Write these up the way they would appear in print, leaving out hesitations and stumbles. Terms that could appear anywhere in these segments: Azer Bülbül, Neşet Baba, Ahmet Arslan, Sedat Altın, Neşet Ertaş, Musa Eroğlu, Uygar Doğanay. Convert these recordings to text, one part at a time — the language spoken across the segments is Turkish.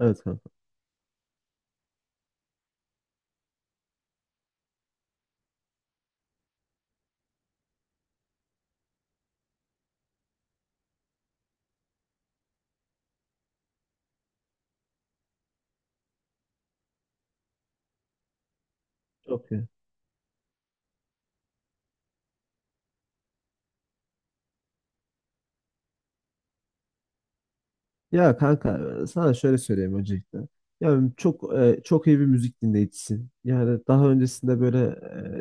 Evet kanka. Çok iyi. Ya kanka, sana şöyle söyleyeyim öncelikle. Yani çok çok iyi bir müzik dinleyicisin. Yani daha öncesinde böyle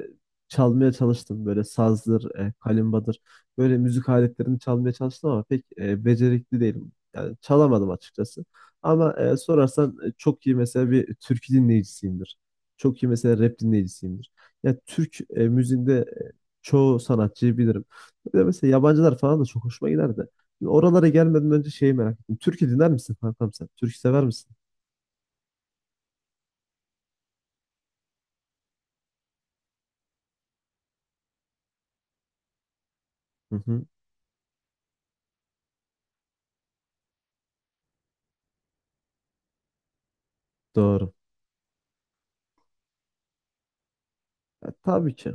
e, çalmaya çalıştım. Böyle sazdır, kalimbadır. Böyle müzik aletlerini çalmaya çalıştım ama pek becerikli değilim. Yani çalamadım açıkçası. Ama sorarsan çok iyi mesela bir türkü dinleyicisiyimdir. Çok iyi mesela rap dinleyicisiyimdir. Ya Türk müziğinde çoğu sanatçıyı bilirim. Bir de mesela yabancılar falan da çok hoşuma giderdi. Oralara gelmeden önce şeyi merak ettim. Türkü dinler misin kankam sen? Türkü sever misin? Hı hı. Doğru. Ya, tabii ki.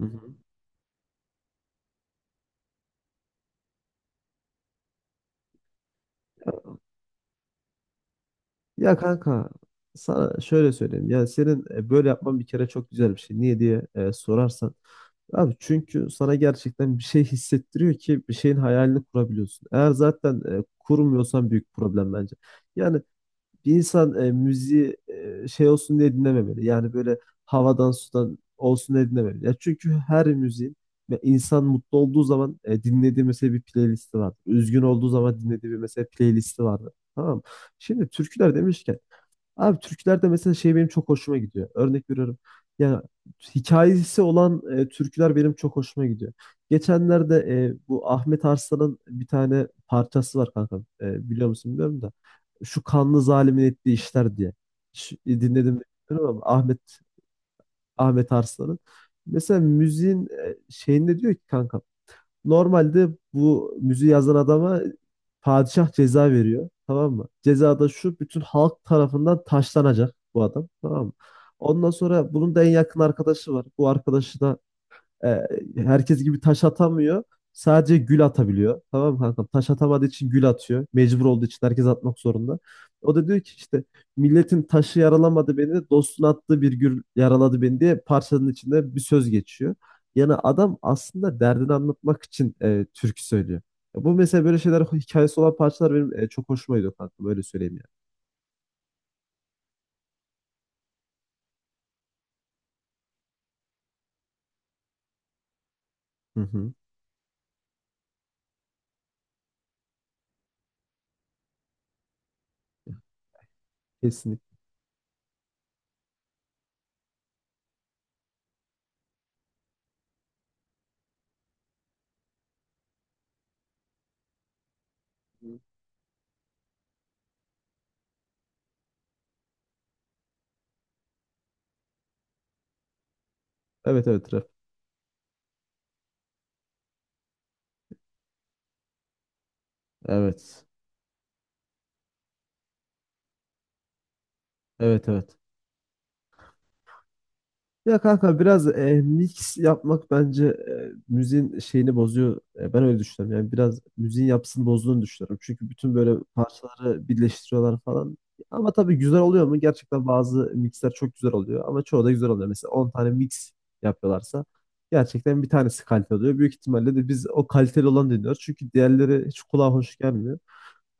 Hı hı. Ya kanka, sana şöyle söyleyeyim. Yani senin böyle yapman bir kere çok güzel bir şey. Niye diye sorarsan. Abi çünkü sana gerçekten bir şey hissettiriyor ki bir şeyin hayalini kurabiliyorsun. Eğer zaten kurmuyorsan büyük problem bence. Yani bir insan müziği şey olsun diye dinlememeli. Yani böyle havadan sudan olsun diye dinlememeli. Ya çünkü her müziğin ve insan mutlu olduğu zaman dinlediği mesela bir playlisti vardır. Üzgün olduğu zaman dinlediği bir mesela playlisti vardır. Tamam mı? Şimdi türküler demişken, abi türkülerde mesela şey benim çok hoşuma gidiyor. Örnek veriyorum. Yani hikayesi olan türküler benim çok hoşuma gidiyor. Geçenlerde bu Ahmet Arslan'ın bir tane parçası var kanka. E, biliyor musun bilmiyorum da. Şu kanlı zalimin ettiği işler diye. Dinledim mi bilmiyorum ama Ahmet Arslan'ın. Mesela müziğin şeyinde diyor ki kanka, normalde bu müziği yazan adama padişah ceza veriyor. Tamam mı? Ceza da şu: bütün halk tarafından taşlanacak bu adam. Tamam mı? Ondan sonra bunun da en yakın arkadaşı var. Bu arkadaşı da e, herkes gibi taş atamıyor. Sadece gül atabiliyor. Tamam mı kankam? Taş atamadığı için gül atıyor. Mecbur olduğu için herkes atmak zorunda. O da diyor ki işte milletin taşı yaralamadı beni, dostun attığı bir gül yaraladı beni diye parçanın içinde bir söz geçiyor. Yani adam aslında derdini anlatmak için türkü söylüyor. Ya bu mesela böyle şeyler, hikayesi olan parçalar benim çok hoşuma gidiyor kankam. Öyle söyleyeyim yani. Hı hı. Kesinlikle. Evet evet, rap. Evet. Evet evet. Ya kanka, biraz mix yapmak bence müziğin şeyini bozuyor. E, ben öyle düşünüyorum. Yani biraz müziğin yapısını bozduğunu düşünüyorum. Çünkü bütün böyle parçaları birleştiriyorlar falan. Ama tabii güzel oluyor mu? Gerçekten bazı mixler çok güzel oluyor. Ama çoğu da güzel oluyor. Mesela 10 tane mix yapıyorlarsa gerçekten bir tanesi kaliteli oluyor. Büyük ihtimalle de biz o kaliteli olanı dinliyoruz. Çünkü diğerleri hiç kulağa hoş gelmiyor.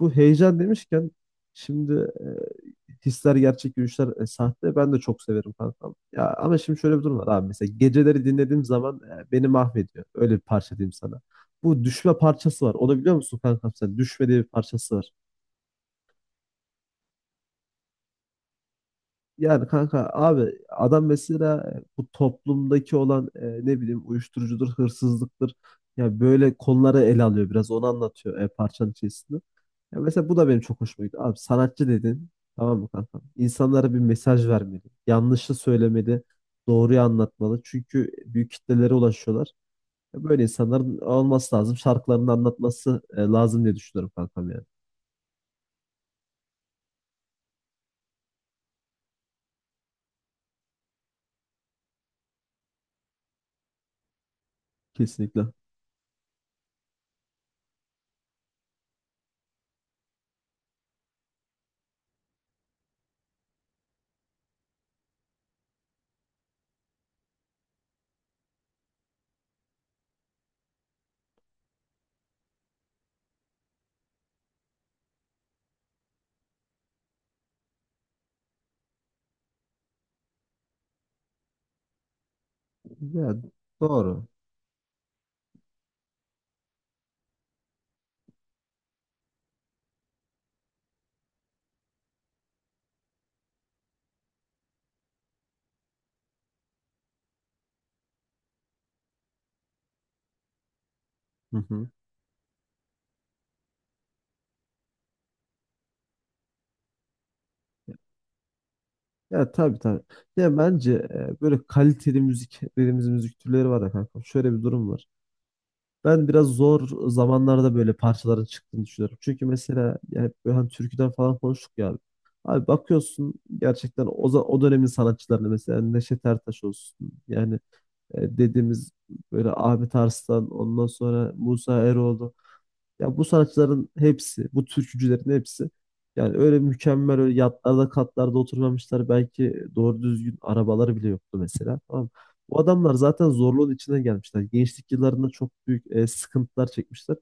Bu heyecan demişken şimdi, e, hisler gerçek, gülüşler sahte. Ben de çok severim kankam. Ya ama şimdi şöyle bir durum var abi. Mesela geceleri dinlediğim zaman beni mahvediyor. Öyle bir parça diyeyim sana. Bu düşme parçası var. Onu biliyor musun kankam sen? Düşme diye bir parçası var. Yani kanka, abi adam mesela bu toplumdaki olan ne bileyim uyuşturucudur, hırsızlıktır. Ya böyle konuları ele alıyor, biraz onu anlatıyor parçanın içerisinde. Ya mesela bu da benim çok hoşuma gitti. Abi sanatçı dedin. Tamam mı kanka? İnsanlara bir mesaj vermeli. Yanlışı söylemeli. Doğruyu anlatmalı. Çünkü büyük kitlelere ulaşıyorlar. Ya böyle insanların olması lazım. Şarkılarını anlatması lazım diye düşünüyorum kankam yani. Kesinlikle. Ya doğru. Hı hı. Ya tabii tabii. Ya bence böyle kaliteli müzik dediğimiz müzik türleri var ya kanka. Şöyle bir durum var. Ben biraz zor zamanlarda böyle parçaların çıktığını düşünüyorum. Çünkü mesela yani hep böyle hani türküden falan konuştuk ya abi. Abi bakıyorsun gerçekten o dönemin sanatçılarını mesela Neşet Ertaş olsun. Yani dediğimiz böyle Ahmet Arslan, ondan sonra Musa Eroğlu. Ya bu sanatçıların hepsi, bu türkücülerin hepsi yani öyle mükemmel, öyle yatlarda katlarda oturmamışlar. Belki doğru düzgün arabaları bile yoktu mesela. Tamam mı? Bu adamlar zaten zorluğun içine gelmişler. Gençlik yıllarında çok büyük sıkıntılar çekmişler,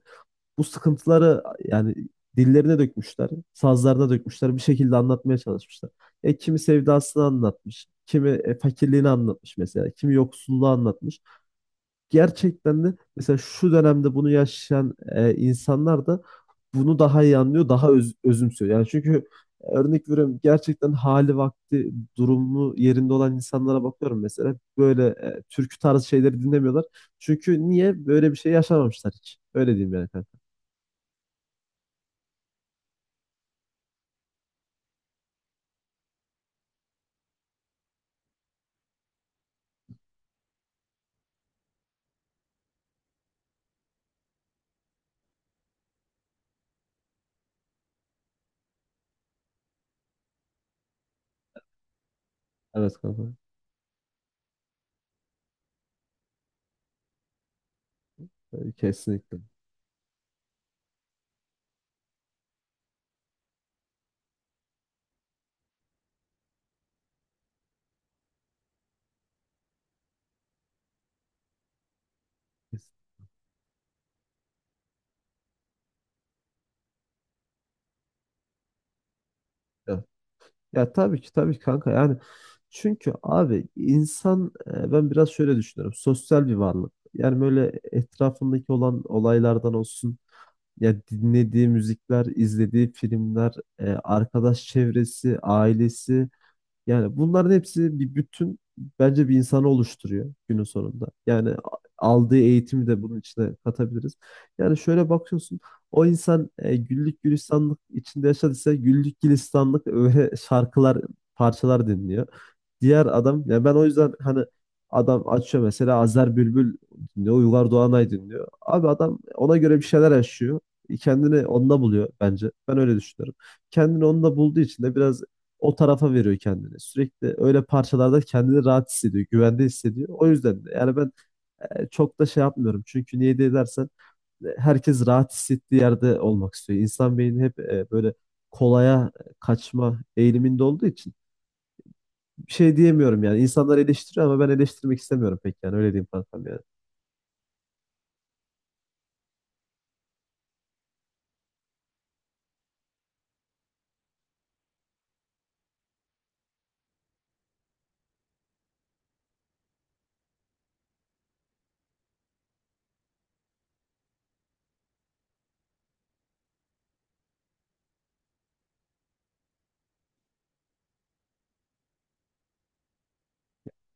bu sıkıntıları yani dillerine dökmüşler, sazlarına dökmüşler, bir şekilde anlatmaya çalışmışlar. E, kimi sevdasını anlatmış, kimi fakirliğini anlatmış mesela, kimi yoksulluğu anlatmış. Gerçekten de mesela şu dönemde bunu yaşayan insanlar da bunu daha iyi anlıyor, daha özümsüyor. Yani çünkü örnek veriyorum gerçekten hali vakti, durumu yerinde olan insanlara bakıyorum mesela, böyle türkü tarzı şeyleri dinlemiyorlar. Çünkü niye, böyle bir şey yaşamamışlar hiç. Öyle diyeyim yani kanka. Evet kanka. E, kesinlikle. Kesinlikle. Ya, ya tabii ki tabii ki kanka yani, çünkü abi insan, ben biraz şöyle düşünüyorum, sosyal bir varlık. Yani böyle etrafındaki olan olaylardan olsun, ya dinlediği müzikler, izlediği filmler, arkadaş çevresi, ailesi, yani bunların hepsi bir bütün bence, bir insanı oluşturuyor günün sonunda. Yani aldığı eğitimi de bunun içine katabiliriz. Yani şöyle bakıyorsun, o insan güllük gülistanlık içinde yaşadıysa güllük gülistanlık öyle şarkılar, parçalar dinliyor. Diğer adam yani, ben o yüzden hani, adam açıyor mesela Azer Bülbül dinliyor, Uygar Doğanay dinliyor. Abi adam ona göre bir şeyler yaşıyor. Kendini onda buluyor bence. Ben öyle düşünüyorum. Kendini onda bulduğu için de biraz o tarafa veriyor kendini. Sürekli öyle parçalarda kendini rahat hissediyor, güvende hissediyor. O yüzden de yani ben çok da şey yapmıyorum. Çünkü niye diye dersen herkes rahat hissettiği yerde olmak istiyor. İnsan beyni hep böyle kolaya kaçma eğiliminde olduğu için bir şey diyemiyorum yani. İnsanlar eleştiriyor ama ben eleştirmek istemiyorum pek yani. Öyle diyeyim kankam yani.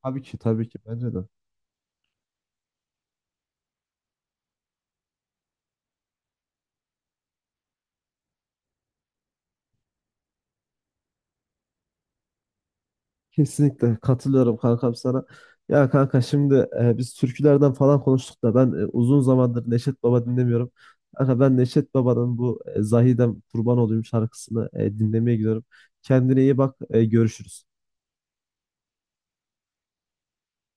Tabii ki. Tabii ki bence de. Kesinlikle katılıyorum kankam sana. Ya kanka şimdi biz türkülerden falan konuştuk da ben uzun zamandır Neşet Baba dinlemiyorum. Kanka ben Neşet Baba'nın bu Zahidem Kurban Olayım şarkısını dinlemeye gidiyorum. Kendine iyi bak, görüşürüz.